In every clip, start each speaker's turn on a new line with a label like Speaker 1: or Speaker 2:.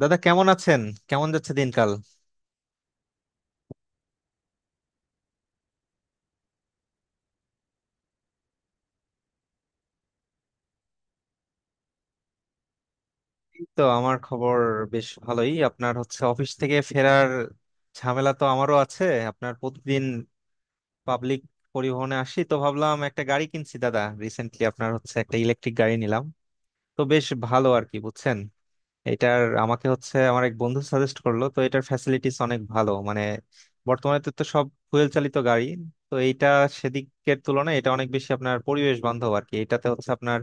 Speaker 1: দাদা কেমন আছেন? কেমন যাচ্ছে দিনকাল? এই তো আমার খবর। বেশ ভালোই, আপনার হচ্ছে অফিস থেকে ফেরার ঝামেলা, তো আমারও আছে। আপনার প্রতিদিন পাবলিক পরিবহনে আসি, তো ভাবলাম একটা গাড়ি কিনছি দাদা। রিসেন্টলি আপনার হচ্ছে একটা ইলেকট্রিক গাড়ি নিলাম। তো বেশ ভালো আর কি, বুঝছেন। এটার আমাকে হচ্ছে আমার এক বন্ধু সাজেস্ট করলো, তো এটার ফ্যাসিলিটিস অনেক ভালো মানে। বর্তমানে তো তো সব ফুয়েল চালিত গাড়ি, তো এইটা সেদিকের তুলনায় এটা অনেক বেশি আপনার পরিবেশ বান্ধব আর কি। এটাতে হচ্ছে আপনার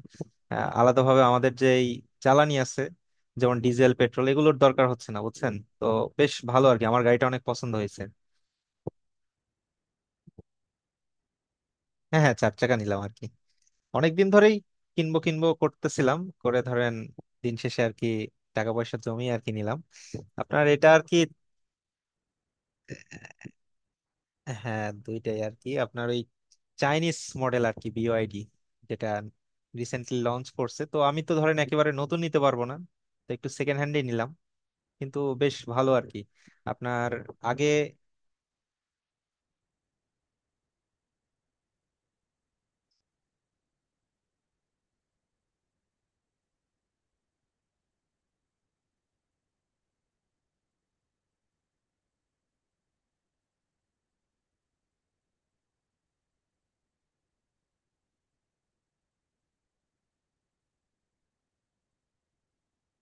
Speaker 1: আলাদাভাবে আমাদের যে এই জ্বালানি আছে, যেমন ডিজেল পেট্রোল, এগুলোর দরকার হচ্ছে না বুঝছেন। তো বেশ ভালো আর কি, আমার গাড়িটা অনেক পছন্দ হয়েছে। হ্যাঁ হ্যাঁ, চার চাকা নিলাম আর কি। অনেকদিন ধরেই কিনবো কিনবো করতেছিলাম, করে ধরেন দিন শেষে আর কি টাকা পয়সা জমিয়ে আর কি নিলাম আপনার এটা আর কি। হ্যাঁ দুইটাই আর কি, আপনার ওই চাইনিজ মডেল আর কি, বিওআইডি, যেটা রিসেন্টলি লঞ্চ করছে। তো আমি তো ধরেন একেবারে নতুন নিতে পারবো না, তো একটু সেকেন্ড হ্যান্ডই নিলাম, কিন্তু বেশ ভালো আর কি আপনার। আগে,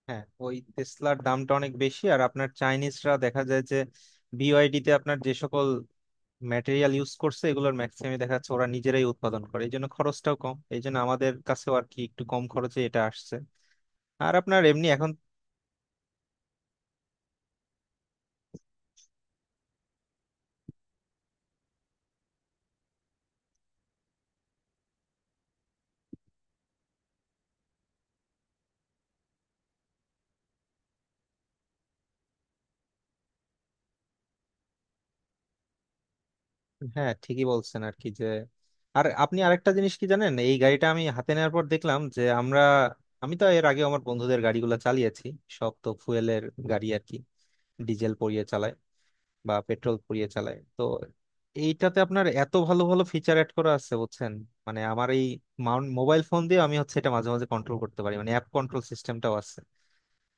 Speaker 1: হ্যাঁ ওই টেসলার দামটা অনেক বেশি, আর আপনার চাইনিজরা দেখা যায় যে বিওআইডি তে আপনার যে সকল ম্যাটেরিয়াল ইউজ করছে এগুলোর ম্যাক্সিমাম দেখা যাচ্ছে ওরা নিজেরাই উৎপাদন করে, এই জন্য খরচটাও কম, এই জন্য আমাদের কাছেও আর কি একটু কম খরচে এটা আসছে। আর আপনার এমনি এখন, হ্যাঁ ঠিকই বলছেন আর কি। যে আর আপনি আরেকটা জিনিস কি জানেন, এই গাড়িটা আমি হাতে নেওয়ার পর দেখলাম যে আমরা, আমি তো এর আগে আমার বন্ধুদের গাড়িগুলো চালিয়েছি, সব তো ফুয়েলের গাড়ি আর কি, ডিজেল পুড়িয়ে চালায় বা পেট্রোল পুড়িয়ে চালায়। তো এইটাতে আপনার এত ভালো ভালো ফিচার অ্যাড করা আছে বুঝছেন, মানে আমার এই মোবাইল ফোন দিয়ে আমি হচ্ছে এটা মাঝে মাঝে কন্ট্রোল করতে পারি, মানে অ্যাপ কন্ট্রোল সিস্টেমটাও আছে।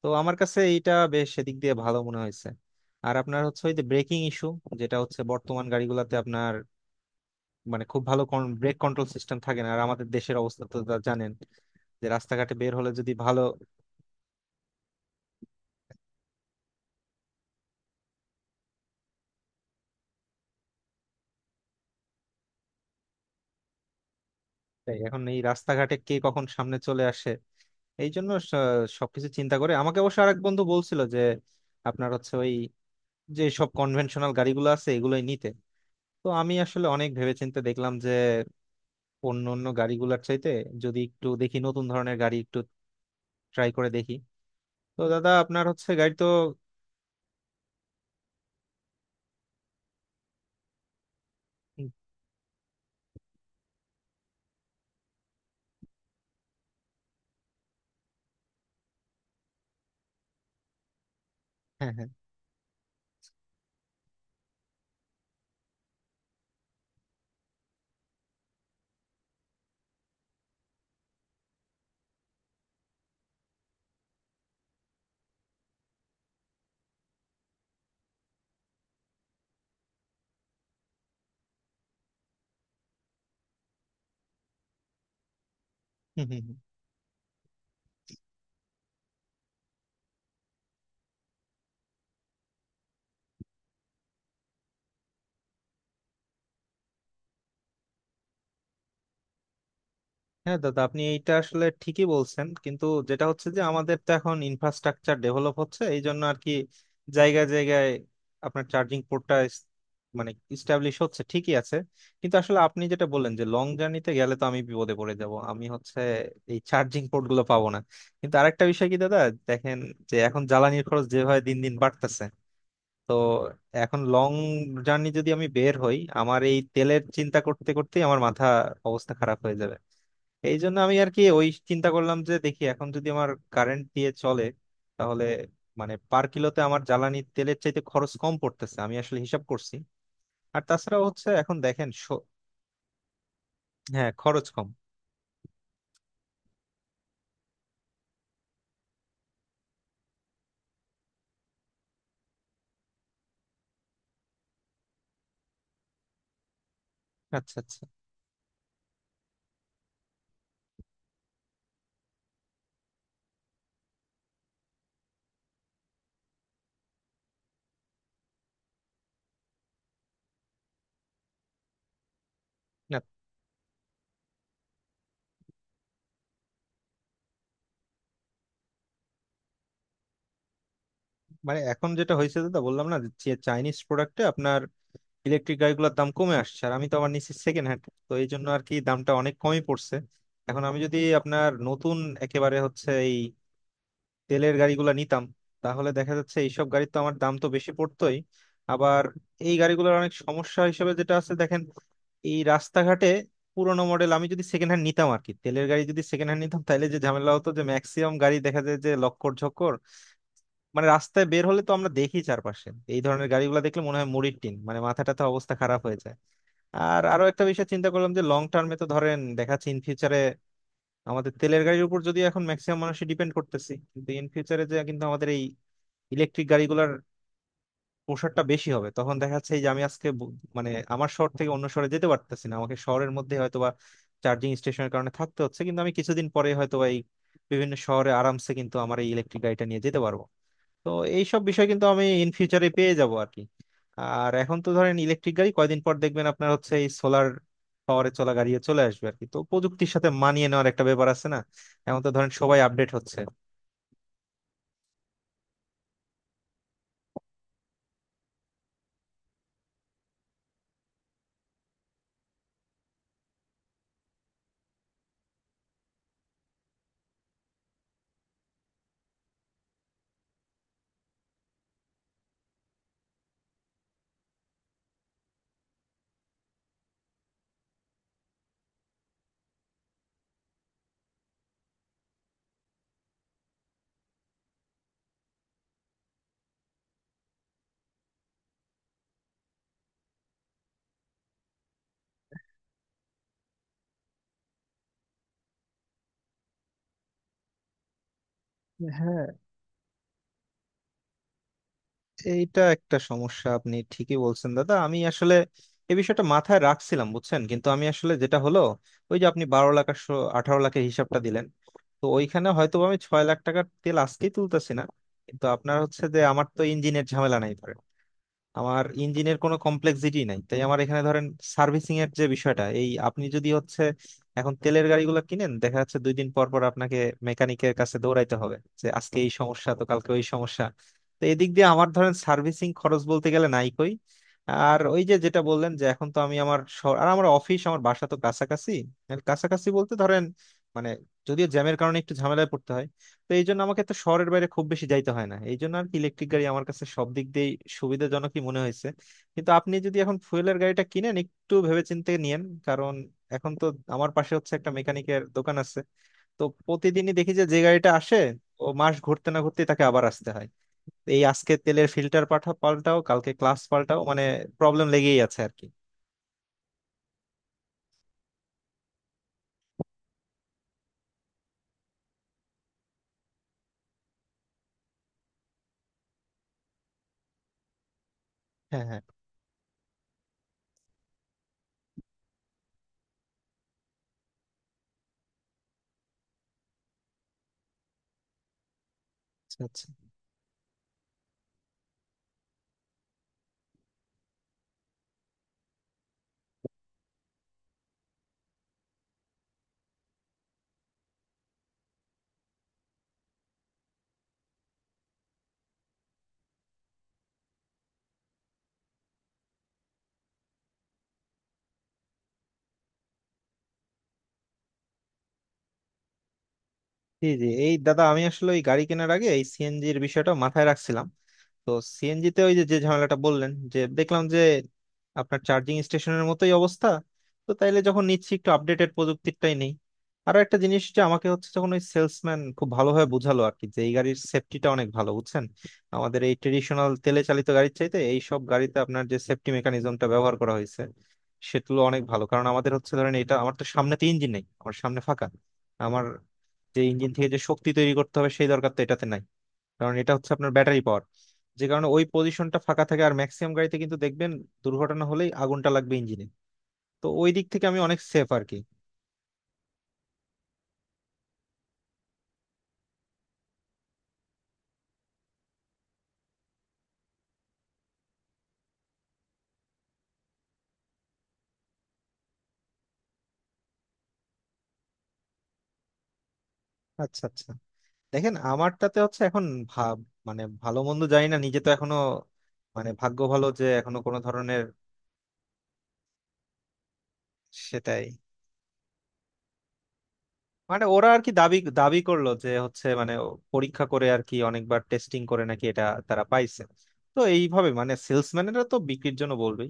Speaker 1: তো আমার কাছে এইটা বেশ সেদিক দিয়ে ভালো মনে হয়েছে। আর আপনার হচ্ছে ওই যে ব্রেকিং ইস্যু, যেটা হচ্ছে বর্তমান গাড়িগুলোতে আপনার মানে খুব ভালো ব্রেক কন্ট্রোল সিস্টেম থাকে না, আর আমাদের দেশের অবস্থা তো তা জানেন যে রাস্তাঘাটে বের হলে যদি ভালো, তাই এখন এই রাস্তাঘাটে কে কখন সামনে চলে আসে, এই জন্য সবকিছু চিন্তা করে আমাকে অবশ্য আরেক বন্ধু বলছিল যে আপনার হচ্ছে ওই যে সব কনভেনশনাল গাড়িগুলো আছে এগুলোই নিতে। তো আমি আসলে অনেক ভেবেচিন্তে দেখলাম যে অন্য অন্য গাড়িগুলোর চাইতে যদি একটু দেখি নতুন ধরনের গাড়ি একটু ট্রাই করে দেখি। তো দাদা আপনার হচ্ছে গাড়ি তো, হুম, হ্যাঁ হ্যাঁ হ্যাঁ দাদা আপনি এইটা আসলে ঠিকই বলছেন, কিন্তু যেটা হচ্ছে যে আমাদের তো এখন ইনফ্রাস্ট্রাকচার ডেভেলপ হচ্ছে, এই জন্য আর কি জায়গায় জায়গায় আপনার চার্জিং পোর্টটা মানে ইস্টাবলিশ হচ্ছে, ঠিকই আছে। কিন্তু আসলে আপনি যেটা বললেন যে লং জার্নিতে গেলে তো আমি বিপদে পড়ে যাব, আমি হচ্ছে এই চার্জিং পোর্ট গুলো পাবো না। কিন্তু আরেকটা বিষয় কি দাদা দেখেন, যে এখন জ্বালানির খরচ যেভাবে দিন দিন বাড়তেছে, তো এখন লং জার্নি যদি আমি বের হই আমার এই তেলের চিন্তা করতে করতেই আমার মাথা অবস্থা খারাপ হয়ে যাবে। এই জন্য আমি আর কি ওই চিন্তা করলাম যে দেখি এখন যদি আমার কারেন্ট দিয়ে চলে, তাহলে মানে পার কিলোতে আমার জ্বালানি তেলের চাইতে খরচ কম পড়তেছে, আমি আসলে হিসাব করছি। আর তাছাড়া হচ্ছে এখন দেখেন হ্যাঁ খরচ কম। আচ্ছা আচ্ছা, না মানে এখন যেটা হয়েছে দাদা, বললাম না যে চাইনিজ প্রোডাক্টে আপনার ইলেকট্রিক গাড়িগুলোর দাম কমে আসছে, আর আমি তো আবার নিচ্ছি সেকেন্ড হ্যান্ড, তো এই জন্য আর কি দামটা অনেক কমই পড়ছে। এখন আমি যদি আপনার নতুন একেবারে হচ্ছে এই তেলের গাড়িগুলো নিতাম, তাহলে দেখা যাচ্ছে এইসব গাড়ির তো আমার দাম তো বেশি পড়তোই। আবার এই গাড়িগুলোর অনেক সমস্যা হিসেবে যেটা আছে দেখেন, এই রাস্তাঘাটে পুরোনো মডেল আমি যদি সেকেন্ড হ্যান্ড নিতাম আর কি, তেলের গাড়ি যদি সেকেন্ড হ্যান্ড নিতাম তাহলে যে ঝামেলা হতো যে ম্যাক্সিমাম গাড়ি দেখা যায় যে লক্কর ঝক্কর, মানে রাস্তায় বের হলে তো আমরা দেখি চারপাশে এই ধরনের গাড়িগুলো, দেখলে মনে হয় মুড়ির টিন, মানে মাথাটাতে অবস্থা খারাপ হয়ে যায়। আর আরো একটা বিষয় চিন্তা করলাম যে লং টার্মে তো ধরেন দেখা যাচ্ছে ইন ফিউচারে আমাদের তেলের গাড়ির উপর যদি এখন ম্যাক্সিমাম মানুষ ডিপেন্ড করতেছি, কিন্তু ইন ফিউচারে যে কিন্তু আমাদের এই ইলেকট্রিক গাড়িগুলোর প্রসারটা বেশি হবে, তখন দেখা যাচ্ছে এই যে আমি আজকে মানে আমার শহর থেকে অন্য শহরে যেতে পারতেছি না, আমাকে শহরের মধ্যে হয়তোবা চার্জিং স্টেশনের কারণে থাকতে হচ্ছে, কিন্তু আমি কিছুদিন পরে হয়তোবা এই বিভিন্ন শহরে আরামসে কিন্তু আমার এই ইলেকট্রিক গাড়িটা নিয়ে যেতে পারবো। তো এইসব বিষয় কিন্তু আমি ইন ফিউচারে পেয়ে যাব আর কি। আর এখন তো ধরেন ইলেকট্রিক গাড়ি, কয়দিন পর দেখবেন আপনার হচ্ছে এই সোলার পাওয়ারে চলা গাড়িও চলে আসবে আর কি, তো প্রযুক্তির সাথে মানিয়ে নেওয়ার একটা ব্যাপার আছে না, এখন তো ধরেন সবাই আপডেট হচ্ছে। হ্যাঁ, এইটা একটা সমস্যা আপনি ঠিকই বলছেন দাদা, আমি আসলে এই বিষয়টা মাথায় রাখছিলাম বুঝছেন, কিন্তু আমি আসলে যেটা হলো ওই যে আপনি 12 লাখ আর 18 লাখের হিসাবটা দিলেন, তো ওইখানে হয়তো আমি 6 লাখ টাকার তেল আজকেই তুলতেছি না। কিন্তু আপনার হচ্ছে যে আমার তো ইঞ্জিনের ঝামেলা নাই ধরেন, আমার ইঞ্জিনের কোনো কমপ্লেক্সিটি নাই, তাই আমার এখানে ধরেন সার্ভিসিং এর যে বিষয়টা, এই আপনি যদি হচ্ছে এখন তেলের গাড়িগুলো কিনেন দেখা যাচ্ছে দুই দিন পর পর আপনাকে মেকানিকের কাছে দৌড়াইতে হবে, যে আজকে এই সমস্যা তো কালকে ওই সমস্যা। তো এদিক দিয়ে আমার ধরেন সার্ভিসিং খরচ বলতে গেলে নাই কই। আর ওই যে যেটা বললেন যে এখন তো আমি, আমার শহর আর আমার অফিস আমার বাসা তো কাছাকাছি। আর কাছাকাছি বলতে ধরেন মানে যদিও জ্যামের কারণে একটু ঝামেলায় পড়তে হয়, তো এই জন্য আমাকে তো শহরের বাইরে খুব বেশি যাইতে হয় না, এই জন্য আর কি ইলেকট্রিক গাড়ি আমার কাছে সব দিক দিয়ে সুবিধাজনকই মনে হয়েছে। কিন্তু আপনি যদি এখন ফুয়েলের গাড়িটা কিনেন একটু ভেবেচিন্তে নিয়েন, কারণ এখন তো আমার পাশে হচ্ছে একটা মেকানিকের দোকান আছে, তো প্রতিদিনই দেখি যে যে গাড়িটা আসে ও মাস ঘুরতে না ঘুরতে তাকে আবার আসতে হয়। এই আজকে তেলের ফিল্টার পাঠা পাল্টাও কালকে ক্লাস পাল্টাও, মানে প্রবলেম লেগেই আছে আর কি। হ্যাঁ হ্যাঁ, আচ্ছা আচ্ছা, জি জি এই দাদা আমি আসলে ওই গাড়ি কেনার আগে এই সিএনজির বিষয়টা মাথায় রাখছিলাম। তো সিএনজিতে ওই যে যে ঝামেলাটা বললেন যে দেখলাম যে আপনার চার্জিং স্টেশনের মতোই অবস্থা, তো তাইলে যখন নিচ্ছি একটু আপডেটেড প্রযুক্তিটাই নেই। আরো একটা জিনিস যে আমাকে হচ্ছে, যখন ওই সেলসম্যান খুব ভালোভাবে বোঝালো আর কি যে এই গাড়ির সেফটিটা অনেক ভালো বুঝছেন, আমাদের এই ট্রেডিশনাল তেলে চালিত গাড়ির চাইতে এই সব গাড়িতে আপনার যে সেফটি মেকানিজমটা ব্যবহার করা হয়েছে সেগুলো অনেক ভালো। কারণ আমাদের হচ্ছে ধরেন এটা, আমার তো সামনে তো ইঞ্জিন নেই, আমার সামনে ফাঁকা, আমার যে ইঞ্জিন থেকে যে শক্তি তৈরি করতে হবে সেই দরকার তো এটাতে নাই, কারণ এটা হচ্ছে আপনার ব্যাটারি পাওয়ার, যে কারণে ওই পজিশনটা ফাঁকা থাকে। আর ম্যাক্সিমাম গাড়িতে কিন্তু দেখবেন দুর্ঘটনা হলেই আগুনটা লাগবে ইঞ্জিনে, তো ওই দিক থেকে আমি অনেক সেফ আর কি। আচ্ছা আচ্ছা, দেখেন আমারটাতে হচ্ছে এখন ভাব মানে ভালো মন্দ জানি না, নিজে তো এখনো মানে ভাগ্য ভালো যে এখনো কোনো ধরনের, সেটাই। মানে ওরা আর কি দাবি দাবি করলো যে হচ্ছে মানে ও পরীক্ষা করে আর কি অনেকবার টেস্টিং করে নাকি এটা তারা পাইছে, তো এইভাবে মানে সেলসম্যানেরা তো বিক্রির জন্য বলবেই,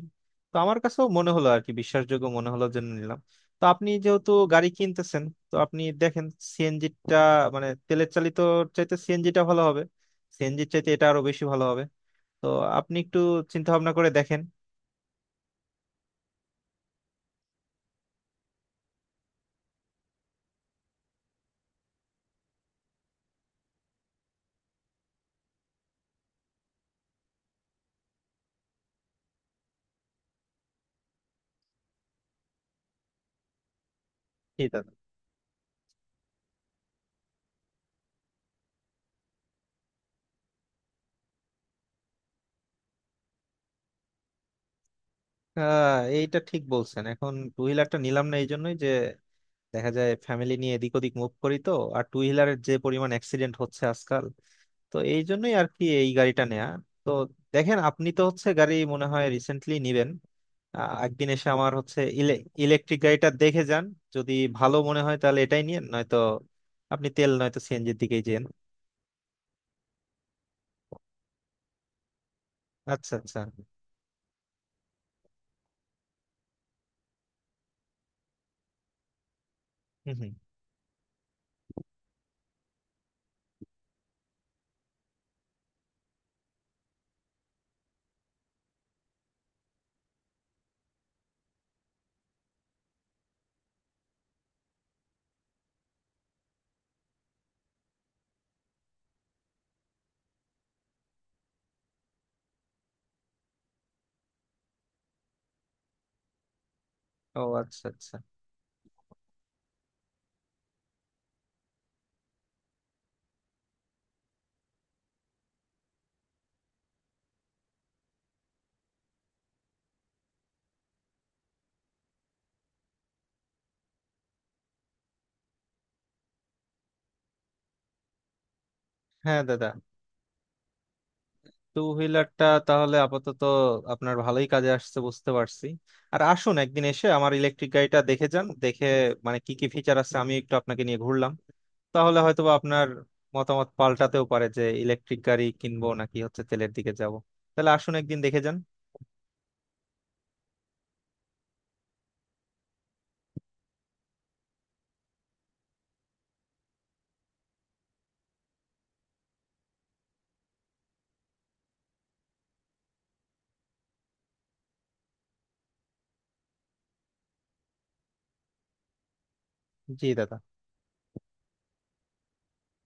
Speaker 1: তো আমার কাছেও মনে হলো আর কি বিশ্বাসযোগ্য মনে হলো জন্য নিলাম। তো আপনি যেহেতু গাড়ি কিনতেছেন, তো আপনি দেখেন সিএনজিটা মানে তেলের চালিত চাইতে সিএনজিটা ভালো হবে, সিএনজির চাইতে এটা আরো বেশি ভালো হবে, তো আপনি একটু চিন্তা ভাবনা করে দেখেন। ঠিক আছে। এইটা ঠিক বলছেন, এখন টু হুইলারটা নিলাম না এই জন্যই যে দেখা যায় ফ্যামিলি নিয়ে এদিক ওদিক মুভ করি, তো আর টু হুইলারের যে পরিমাণ অ্যাক্সিডেন্ট হচ্ছে আজকাল, তো এই জন্যই আর কি এই গাড়িটা নেয়া। তো দেখেন আপনি তো হচ্ছে গাড়ি মনে হয় রিসেন্টলি নিবেন, একদিন এসে আমার হচ্ছে ইলেকট্রিক গাড়িটা দেখে যান, যদি ভালো মনে হয় তাহলে এটাই নিয়েন, নয়তো আপনি তেল নয়তো সিএনজির দিকেই যেন। আচ্ছা আচ্ছা, হুম হুম, ও আচ্ছা আচ্ছা, হ্যাঁ দাদা, টু হুইলারটা তাহলে আপাতত আপনার ভালোই কাজে আসছে বুঝতে পারছি। আর আসুন একদিন এসে আমার ইলেকট্রিক গাড়িটা দেখে যান, দেখে মানে কি কি ফিচার আছে আমি একটু আপনাকে নিয়ে ঘুরলাম, তাহলে হয়তোবা আপনার মতামত পাল্টাতেও পারে যে ইলেকট্রিক গাড়ি কিনবো নাকি হচ্ছে তেলের দিকে যাব। তাহলে আসুন একদিন দেখে যান। জি দাদা।